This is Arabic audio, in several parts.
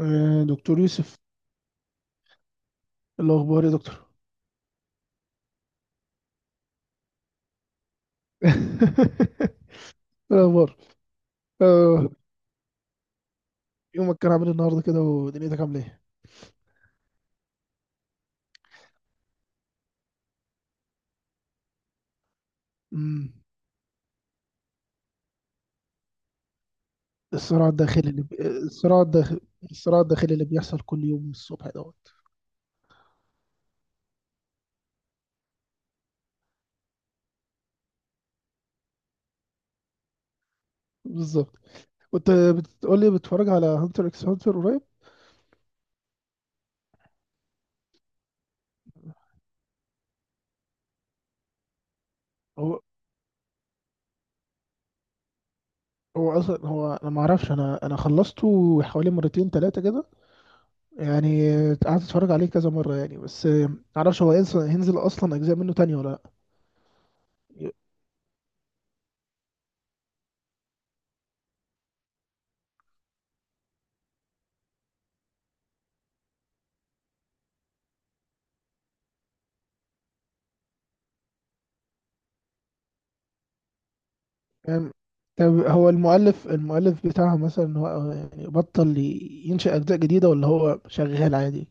آه، دكتور يوسف. إيه الأخبار يا دكتور؟ إيه الأخبار؟ آه، يومك كان عامل إيه النهاردة كده ودنيتك عاملة إيه؟ مم. الصراع الداخلي اللي بي... الصراع الداخلي الصراع الداخلي اللي بيحصل كل يوم الصبح دوت. بالظبط. وأنت بتقول لي بتتفرج على هانتر إكس هانتر قريب؟ هو هو أصلا، هو أنا ما أعرفش، أنا خلصته حوالي مرتين تلاتة كده. يعني قعدت أتفرج عليه كذا مرة يعني، بس ما أعرفش هو هينزل أصلا أجزاء منه تانية ولا لأ. أم، طب هو المؤلف بتاعها مثلا، هو يعني بطل ينشئ أجزاء جديدة ولا هو شغال عادي؟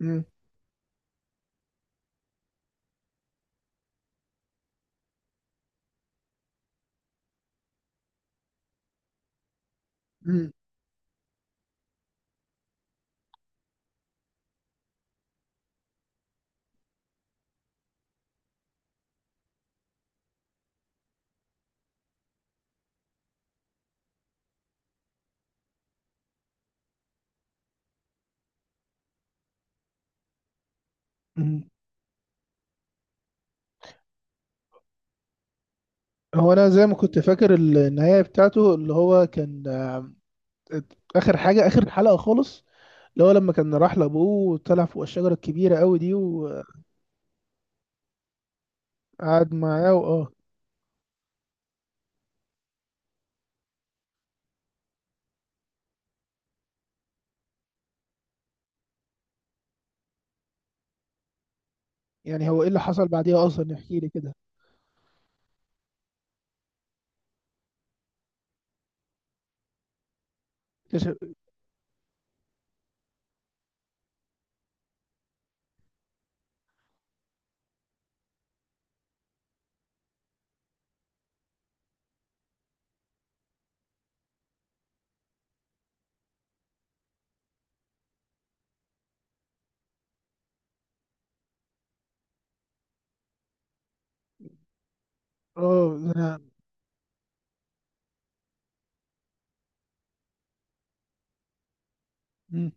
مم. مم. مم. هو أنا زي ما كنت فاكر النهاية بتاعته، اللي هو كان آخر حاجة، آخر حلقة خالص، اللي هو لما كان راح لأبوه وطلع فوق الشجرة الكبيرة أوي دي وقعد معاه وآه. يعني هو إيه اللي حصل بعديها أصلا؟ احكي لي كده. اكتشف- اه، ده انا. مم.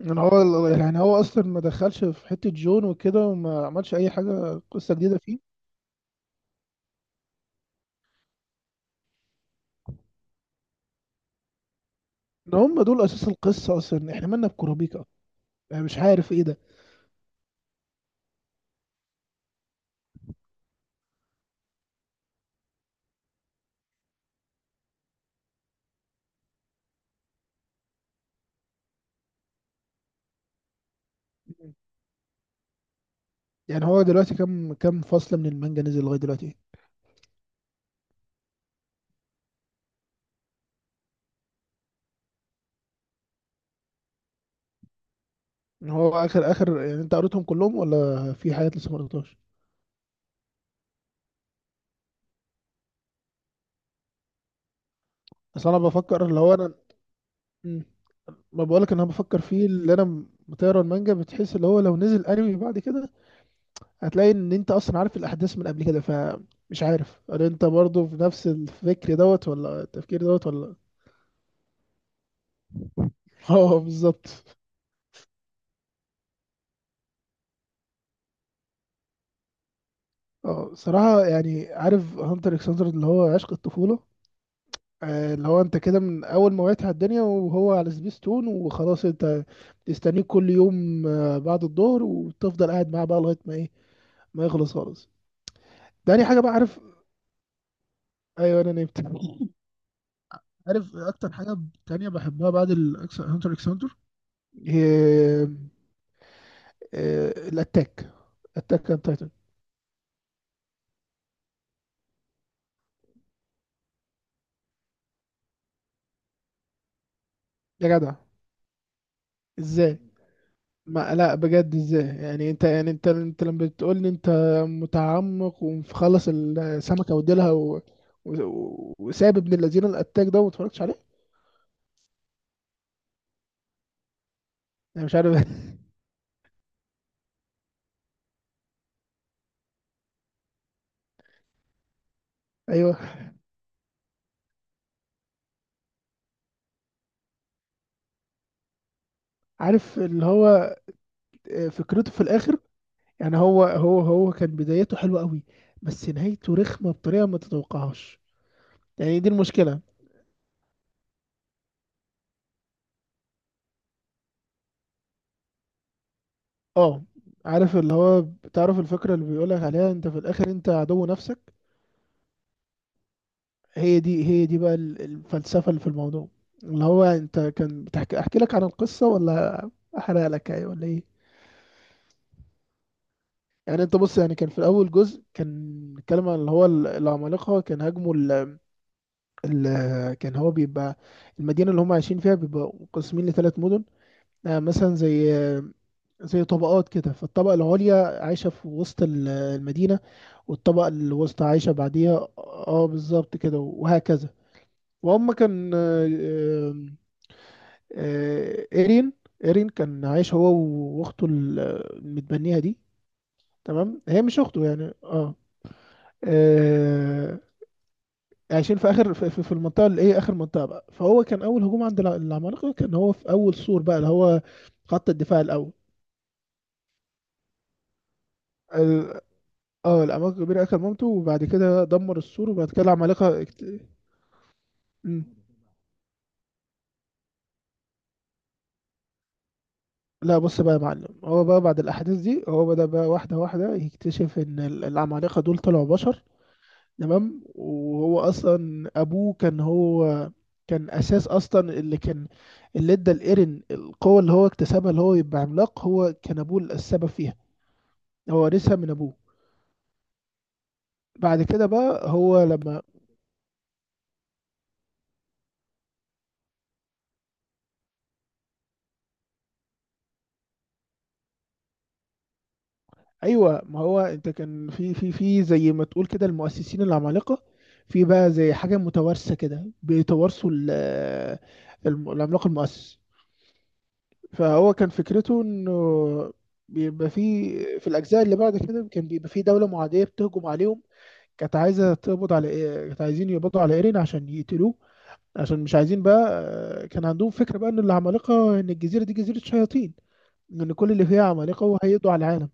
يعني هو اصلا ما دخلش في حته جون وكده وما عملش اي حاجه قصه جديده فيه؟ ان هم دول اساس القصه اصلا، احنا مالنا بكورابيكا؟ انا مش عارف ايه ده. يعني هو دلوقتي كم فصل من المانجا نزل لغايه دلوقتي؟ إن هو اخر يعني، انت قريتهم كلهم ولا في حاجات لسه ما قريتهاش؟ اصل انا بفكر اللي هو انا. مم. ما بقولك ان انا بفكر فيه، اللي انا بتقرا المانجا بتحس اللي هو لو نزل انمي بعد كده، هتلاقي ان انت اصلا عارف الاحداث من قبل كده، فمش عارف هل انت برضو في نفس الفكر دوت ولا التفكير دوت ولا. اه، بالظبط. اه صراحة، يعني عارف هانتر اكس هانتر اللي هو عشق الطفولة، اللي هو انت كده من اول ما وعيت على الدنيا وهو على سبيستون، وخلاص انت تستنيه كل يوم بعد الظهر وتفضل قاعد معاه بقى لغاية ما ايه، ما يخلص خالص. تاني حاجة بقى، عارف، ايوه انا نمت. عارف اكتر حاجة تانية بحبها بعد هانتر اكس هانتر، هي آه، الاتاك اتاك اون تايتن. يا جدع، ازاي؟ ما لا، بجد ازاي؟ يعني انت، يعني انت لما بتقول لي انت متعمق ومخلص السمكه وديلها وساب ابن الذين الاتاك ده وما اتفرجتش عليه؟ انا مش عارف. ايوه. عارف اللي هو، فكرته في الاخر، يعني هو كان بدايته حلوه قوي، بس نهايته رخمه بطريقه ما تتوقعهاش. يعني دي المشكله. اه، عارف اللي هو، بتعرف الفكره اللي بيقولك عليها، انت في الاخر انت عدو نفسك. هي دي بقى الفلسفة اللي في الموضوع، اللي هو انت كان احكي لك عن القصة ولا احرق لك ايه ولا ايه؟ يعني انت بص، يعني كان في الاول جزء كان بيتكلم عن اللي هو العمالقة كان هاجموا كان هو بيبقى المدينة اللي هم عايشين فيها بيبقى مقسمين لثلاث مدن. مثلا زي طبقات كده، فالطبقة العليا عايشة في وسط المدينة، والطبقة الوسطى عايشة بعديها، اه بالظبط كده، وهكذا. وهم كان آه، ايرين ايرين كان عايش هو واخته المتبنية دي. تمام، هي مش اخته يعني، اه, آه. عايشين في اخر، في المنطقه اللي ايه، اخر منطقه بقى، فهو كان اول هجوم عند العمالقه كان هو في اول سور بقى اللي هو خط الدفاع الاول. ال- اه العمالقه الكبيره اكل مامته، وبعد كده دمر السور، وبعد كده مم. لا، بص بقى يا معلم، هو بقى بعد الاحداث دي هو بدأ بقى واحده واحده يكتشف ان العمالقه دول طلعوا بشر. تمام. وهو اصلا ابوه كان هو كان اساس اصلا اللي كان، اللي ادى الايرن القوه اللي هو اكتسبها اللي هو يبقى عملاق، هو كان ابوه السبب فيها. هو ورثها من ابوه. بعد كده بقى هو لما. ايوه، ما هو انت كان في زي ما تقول كده المؤسسين العمالقه، في بقى زي حاجه متوارثه كده بيتوارثوا العملاق المؤسس. فهو كان فكرته انه بيبقى في الاجزاء اللي بعد كده كان بيبقى في دوله معاديه بتهجم عليهم. كانت عايزه تقبض على إيه- كانت عايزين يقبضوا على ايرين عشان يقتلوه، عشان مش عايزين بقى، كان عندهم فكره بقى ان الجزيره دي جزيره شياطين، ان كل اللي فيها عمالقه وهيقضوا على العالم،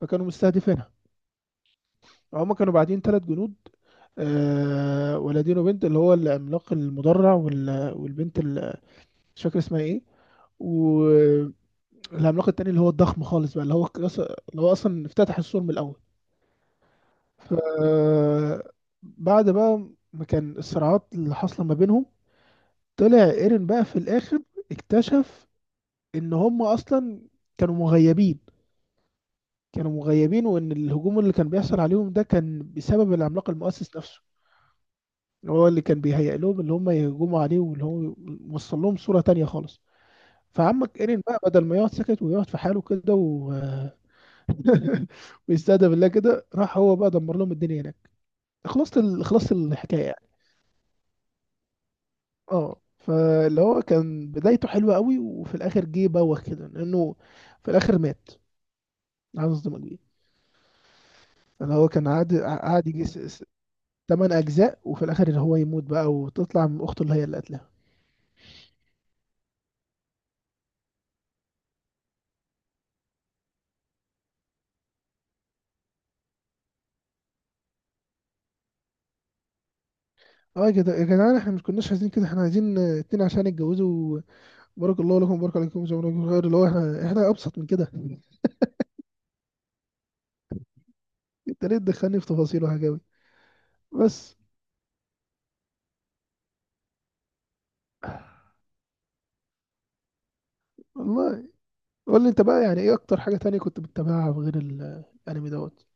فكانوا مستهدفينها. هما كانوا بعدين ثلاث جنود، ولدين وبنت، اللي هو العملاق المدرع والبنت اللي مش فاكر اسمها ايه، و- العملاق التاني اللي هو الضخم خالص بقى اللي هو اللي هو اصلا افتتح السور من الاول. ف بعد بقى ما كان الصراعات اللي حاصله ما بينهم، طلع ايرين بقى في الاخر اكتشف ان هم اصلا كانوا مغيبين. كانوا مغيبين، وان الهجوم اللي كان بيحصل عليهم ده كان بسبب العملاق المؤسس نفسه، هو اللي كان بيهيئ لهم اللي هم يهجموا عليه، واللي هو وصل لهم صوره تانية خالص. فعمك ايرين بقى بدل ما يقعد ساكت ويقعد في حاله كده ويستهدف الله كده، راح هو بقى دمر لهم الدنيا هناك. خلصت الحكايه يعني. اه، فاللي هو كان بدايته حلوه قوي وفي الاخر جه بوخ كده، لانه في الاخر مات. عايز اصدمك بيه، اللي هو كان قعد يجي تمن اجزاء، وفي الاخر اللي هو يموت بقى وتطلع من اخته اللي هي اللي قتلها. اه، يا جدعان، احنا مش كناش عايزين كده، احنا عايزين اتنين عشان يتجوزوا، بارك الله لكم وبارك عليكم، جزاكم الله خير، اللي هو احنا ابسط من كده. انت ليه تدخلني في تفاصيل وحاجه قوي؟ بس والله. قول لي انت بقى، يعني ايه اكتر حاجة تانية كنت بتتابعها غير الانمي دوت؟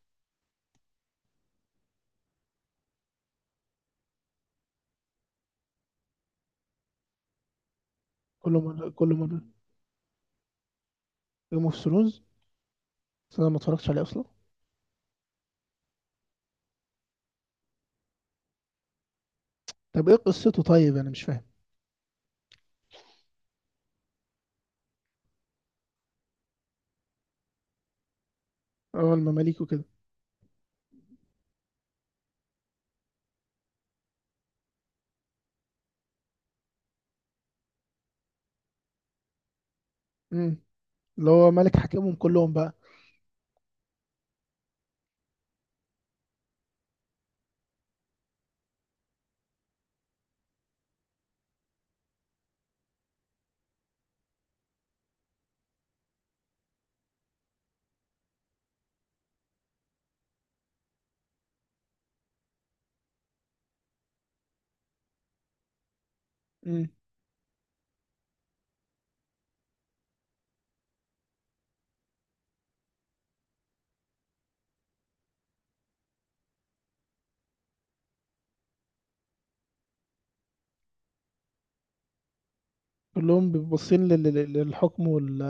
كل مرة، كل مرة. جيم اوف ثرونز؟ بس انا ما اتفرجتش عليه اصلا. طب ايه قصته؟ طيب انا مش فاهم. اه، المماليك وكده. امم. اللي هو ملك حاكمهم كلهم بقى. امم. كلهم بيبقوا باصين للحكم وال.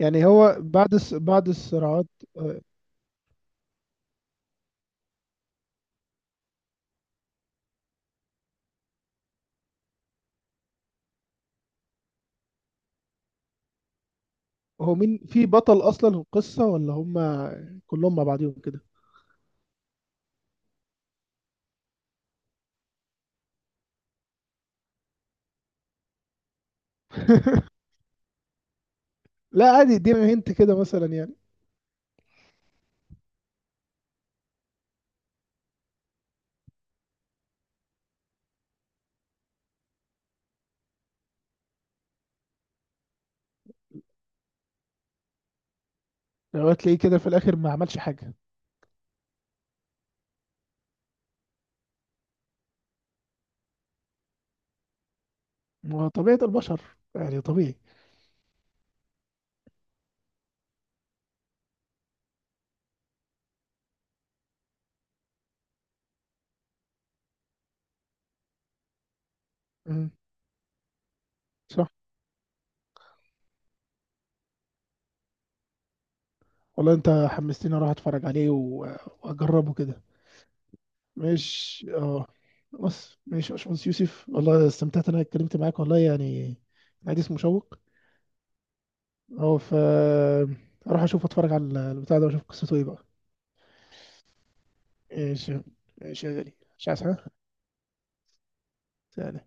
يعني هو بعد بعد الصراعات، آه، هو مين في بطل اصلا القصة ولا هم كلهم مع بعضهم كده؟ لا عادي، ادينا هنت كده مثلا يعني. لو هتلاقيه كده في الاخر ما عملش حاجة. ما هو طبيعة البشر يعني، طبيعي. مم. صح. والله انت حمستني اروح اتفرج عليه واجربه كده. ماشي، اه. بس ماشي يا باشمهندس يوسف، والله استمتعت إن انا اتكلمت معاك، والله يعني الحديث مشوق. اه، اروح اشوف، اتفرج على البتاع ده واشوف قصته ايه بقى. ماشي. ماشي يا غالي. مش عايز حاجه. سلام.